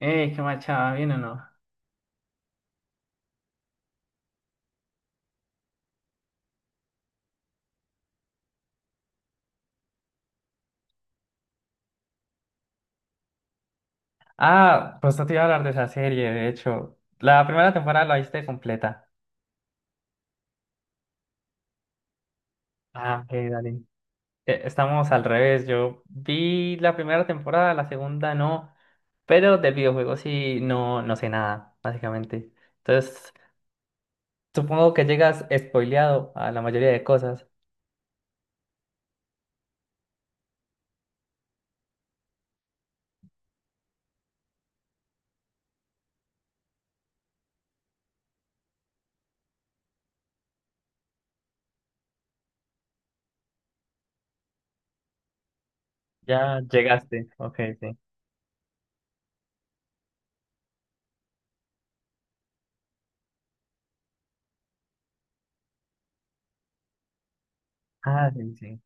Ey, qué machada, ¿bien o no? Ah, pues no te iba a hablar de esa serie, de hecho. La primera temporada la viste completa. Ah, ok, dale. Estamos al revés. Yo vi la primera temporada, la segunda no, pero del videojuego sí no, no sé nada, básicamente. Entonces, supongo que llegas spoileado a la mayoría de cosas. Ya llegaste. Ok, sí. Ah, sí, sí.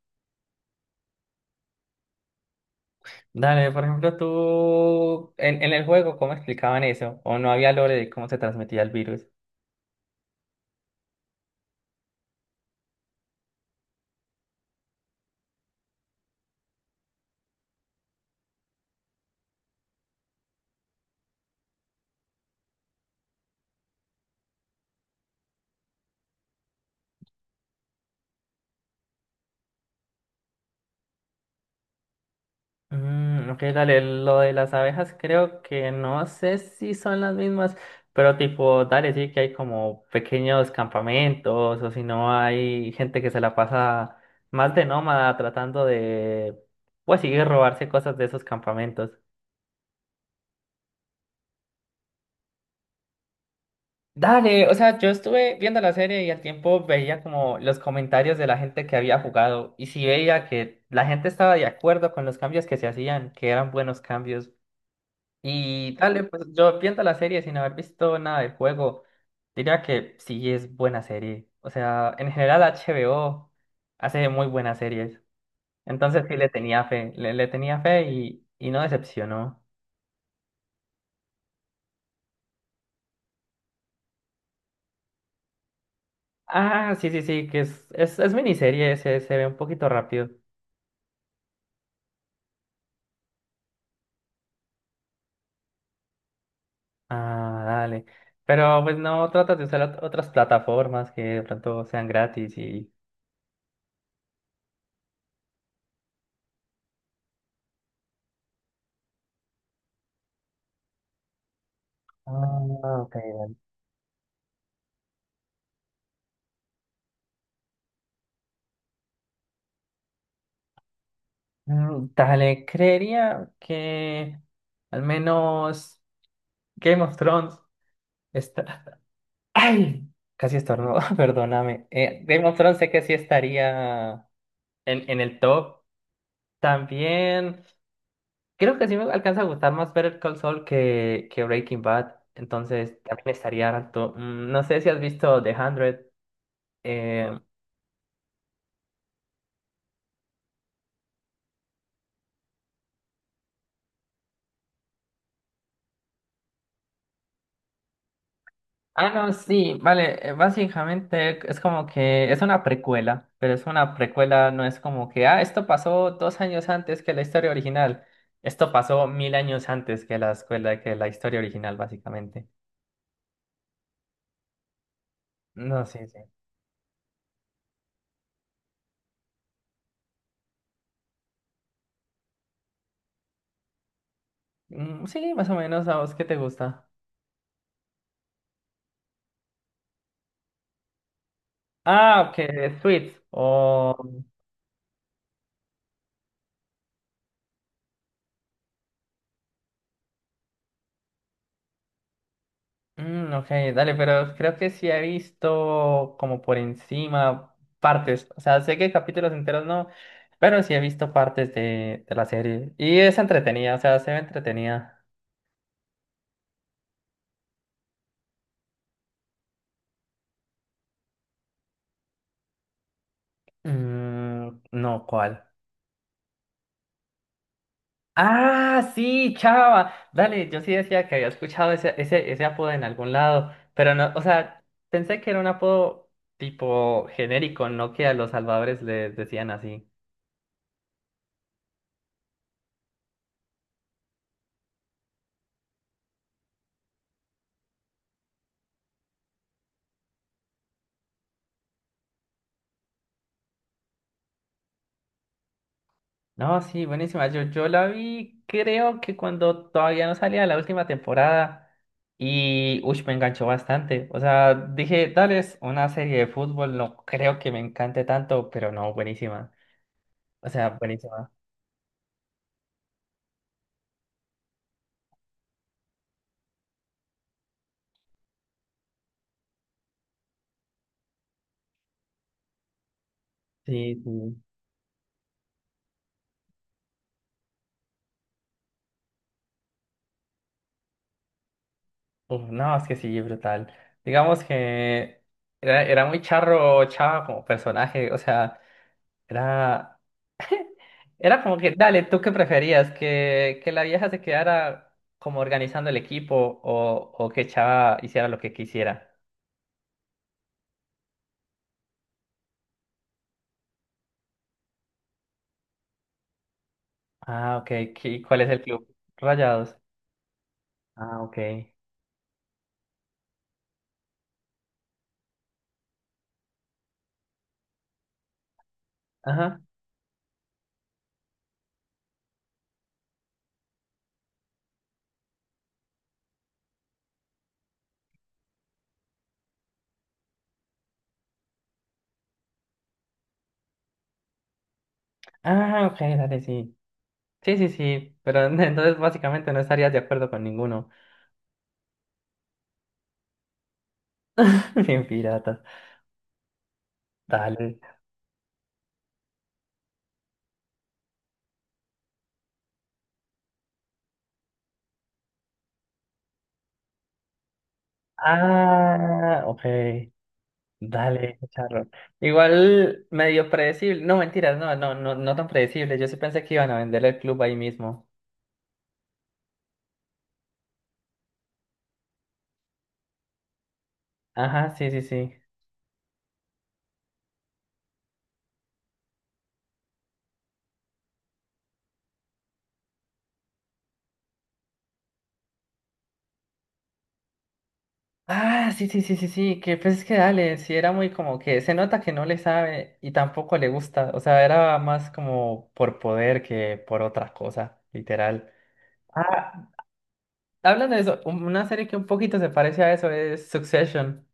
Dale, por ejemplo, tú en el juego, ¿cómo explicaban eso? ¿O no había lore de cómo se transmitía el virus? Mm, ok, dale, lo de las abejas creo que no sé si son las mismas, pero tipo, dale, sí que hay como pequeños campamentos o si no hay gente que se la pasa más de nómada tratando de, pues sí, robarse cosas de esos campamentos. Dale, o sea, yo estuve viendo la serie y al tiempo veía como los comentarios de la gente que había jugado y sí veía que la gente estaba de acuerdo con los cambios que se hacían, que eran buenos cambios. Y dale, pues yo viendo la serie sin haber visto nada del juego, diría que sí es buena serie. O sea, en general HBO hace muy buenas series. Entonces sí le tenía fe, le tenía fe y no decepcionó. Ah, sí, sí, sí, que es, es miniserie, se ve un poquito rápido. Ah, dale. Pero pues no tratas de usar otras plataformas que de pronto sean gratis y... Ah, ok, Mm, Dale, creería que al menos Game of Thrones está... ¡Ay! Casi estornudo, perdóname. Game of Thrones sé que sí estaría en el top. También creo que sí me alcanza a gustar más Better Call Saul que Breaking Bad. Entonces también estaría alto. Mm, no sé si has visto The 100. Eh, Ah, no, sí, vale, básicamente es como que es una precuela, pero es una precuela, no es como que, ah, esto pasó dos años antes que la historia original, esto pasó mil años antes que la escuela, que la historia original, básicamente. No, sí, sí. Mm, sí, más o menos, ¿a vos qué te gusta? Ah, que Sweet, o... Mm, ok, dale, pero creo que sí he visto como por encima partes. O sea, sé que capítulos enteros no, pero sí he visto partes de la serie. Y es entretenida, o sea, se ve entretenida. Mm, no, ¿cuál? Ah, sí, Chava. Dale, yo sí decía que había escuchado ese apodo en algún lado, pero no, o sea, pensé que era un apodo tipo genérico, no que a los salvadores les decían así. No, sí, buenísima. Yo la vi, creo que cuando todavía no salía la última temporada y, uy, me enganchó bastante. O sea, dije, dale, es una serie de fútbol, no creo que me encante tanto, pero no, buenísima. O sea, buenísima. Sí, sí. Uf, no, es que sí, brutal. Digamos que era muy charro, chava como personaje, o sea, era. Era como que, dale, ¿tú qué preferías? Que la vieja se quedara como organizando el equipo o que Chava hiciera lo que quisiera? Ah, ok. ¿Qué- cuál es el club? Rayados. Ah, ok. Ajá. Ah, ok, dale, sí. Sí, sí, sí. Pero entonces básicamente no estarías de acuerdo con ninguno. Bien piratas. Dale. Ah, ok. Dale, charro. Igual medio predecible. No, mentiras, no, no, no, no tan predecible. Yo sí pensé que iban a vender el club ahí mismo. Ajá, sí, sí, sí. Ah, sí, sí, sí, sí, sí, que pues es que dale, sí era muy como que se nota que no le sabe y tampoco le gusta, o sea, era más como por poder que por otra cosa, literal. Ah, hablando de eso, una serie que un poquito se parece a eso es Succession.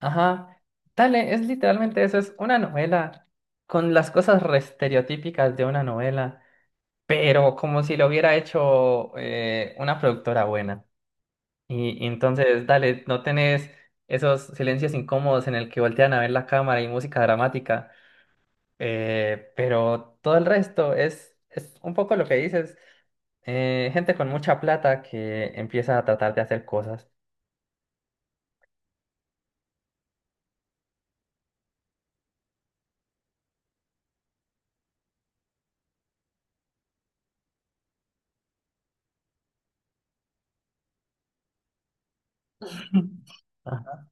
Ajá, dale, es literalmente eso, es una novela con las cosas re estereotípicas de una novela, pero como si lo hubiera hecho una productora buena. Y entonces, dale, no tenés esos silencios incómodos en el que voltean a ver la cámara y música dramática, pero todo el resto es un poco lo que dices, gente con mucha plata que empieza a tratar de hacer cosas. Ajá.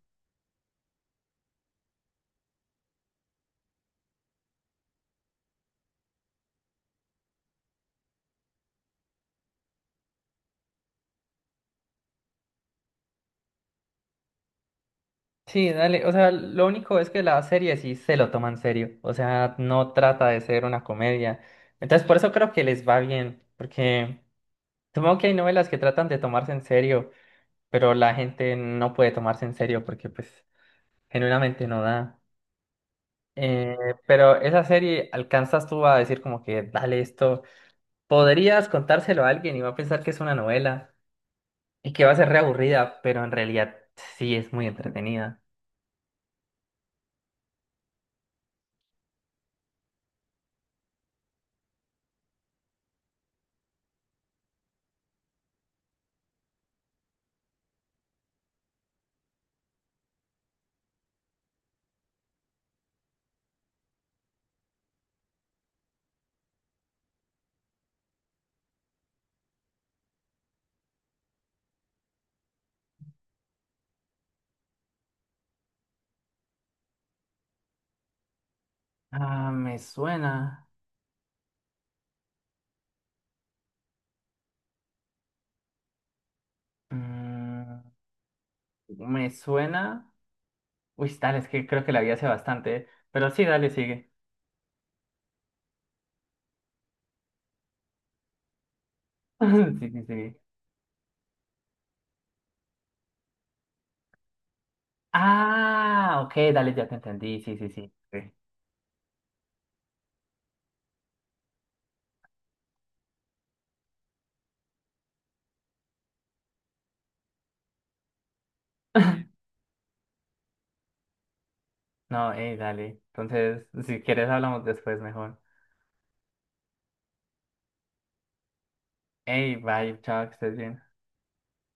Sí, dale, o sea, lo único es que la serie sí se lo toma en serio, o sea, no trata de ser una comedia. Entonces, por eso creo que les va bien, porque supongo que hay novelas que tratan de tomarse en serio, pero la gente no puede tomarse en serio porque pues... Genuinamente no da. Eh, pero esa serie alcanzas tú a decir como que, dale esto, podrías contárselo a alguien y va a pensar que es una novela y que va a ser reaburrida, pero en realidad sí es muy entretenida. Ah, me suena. Mm, me suena. Uy, dale, es que creo que la vi hace bastante, ¿eh? Pero sí, dale, sigue. Sí, sí, sí. Ah, ok, dale, ya te entendí. Sí, sí, sí, sí. No, hey, dale. Entonces, si quieres, hablamos después mejor. Hey, bye, chao, que estés bien.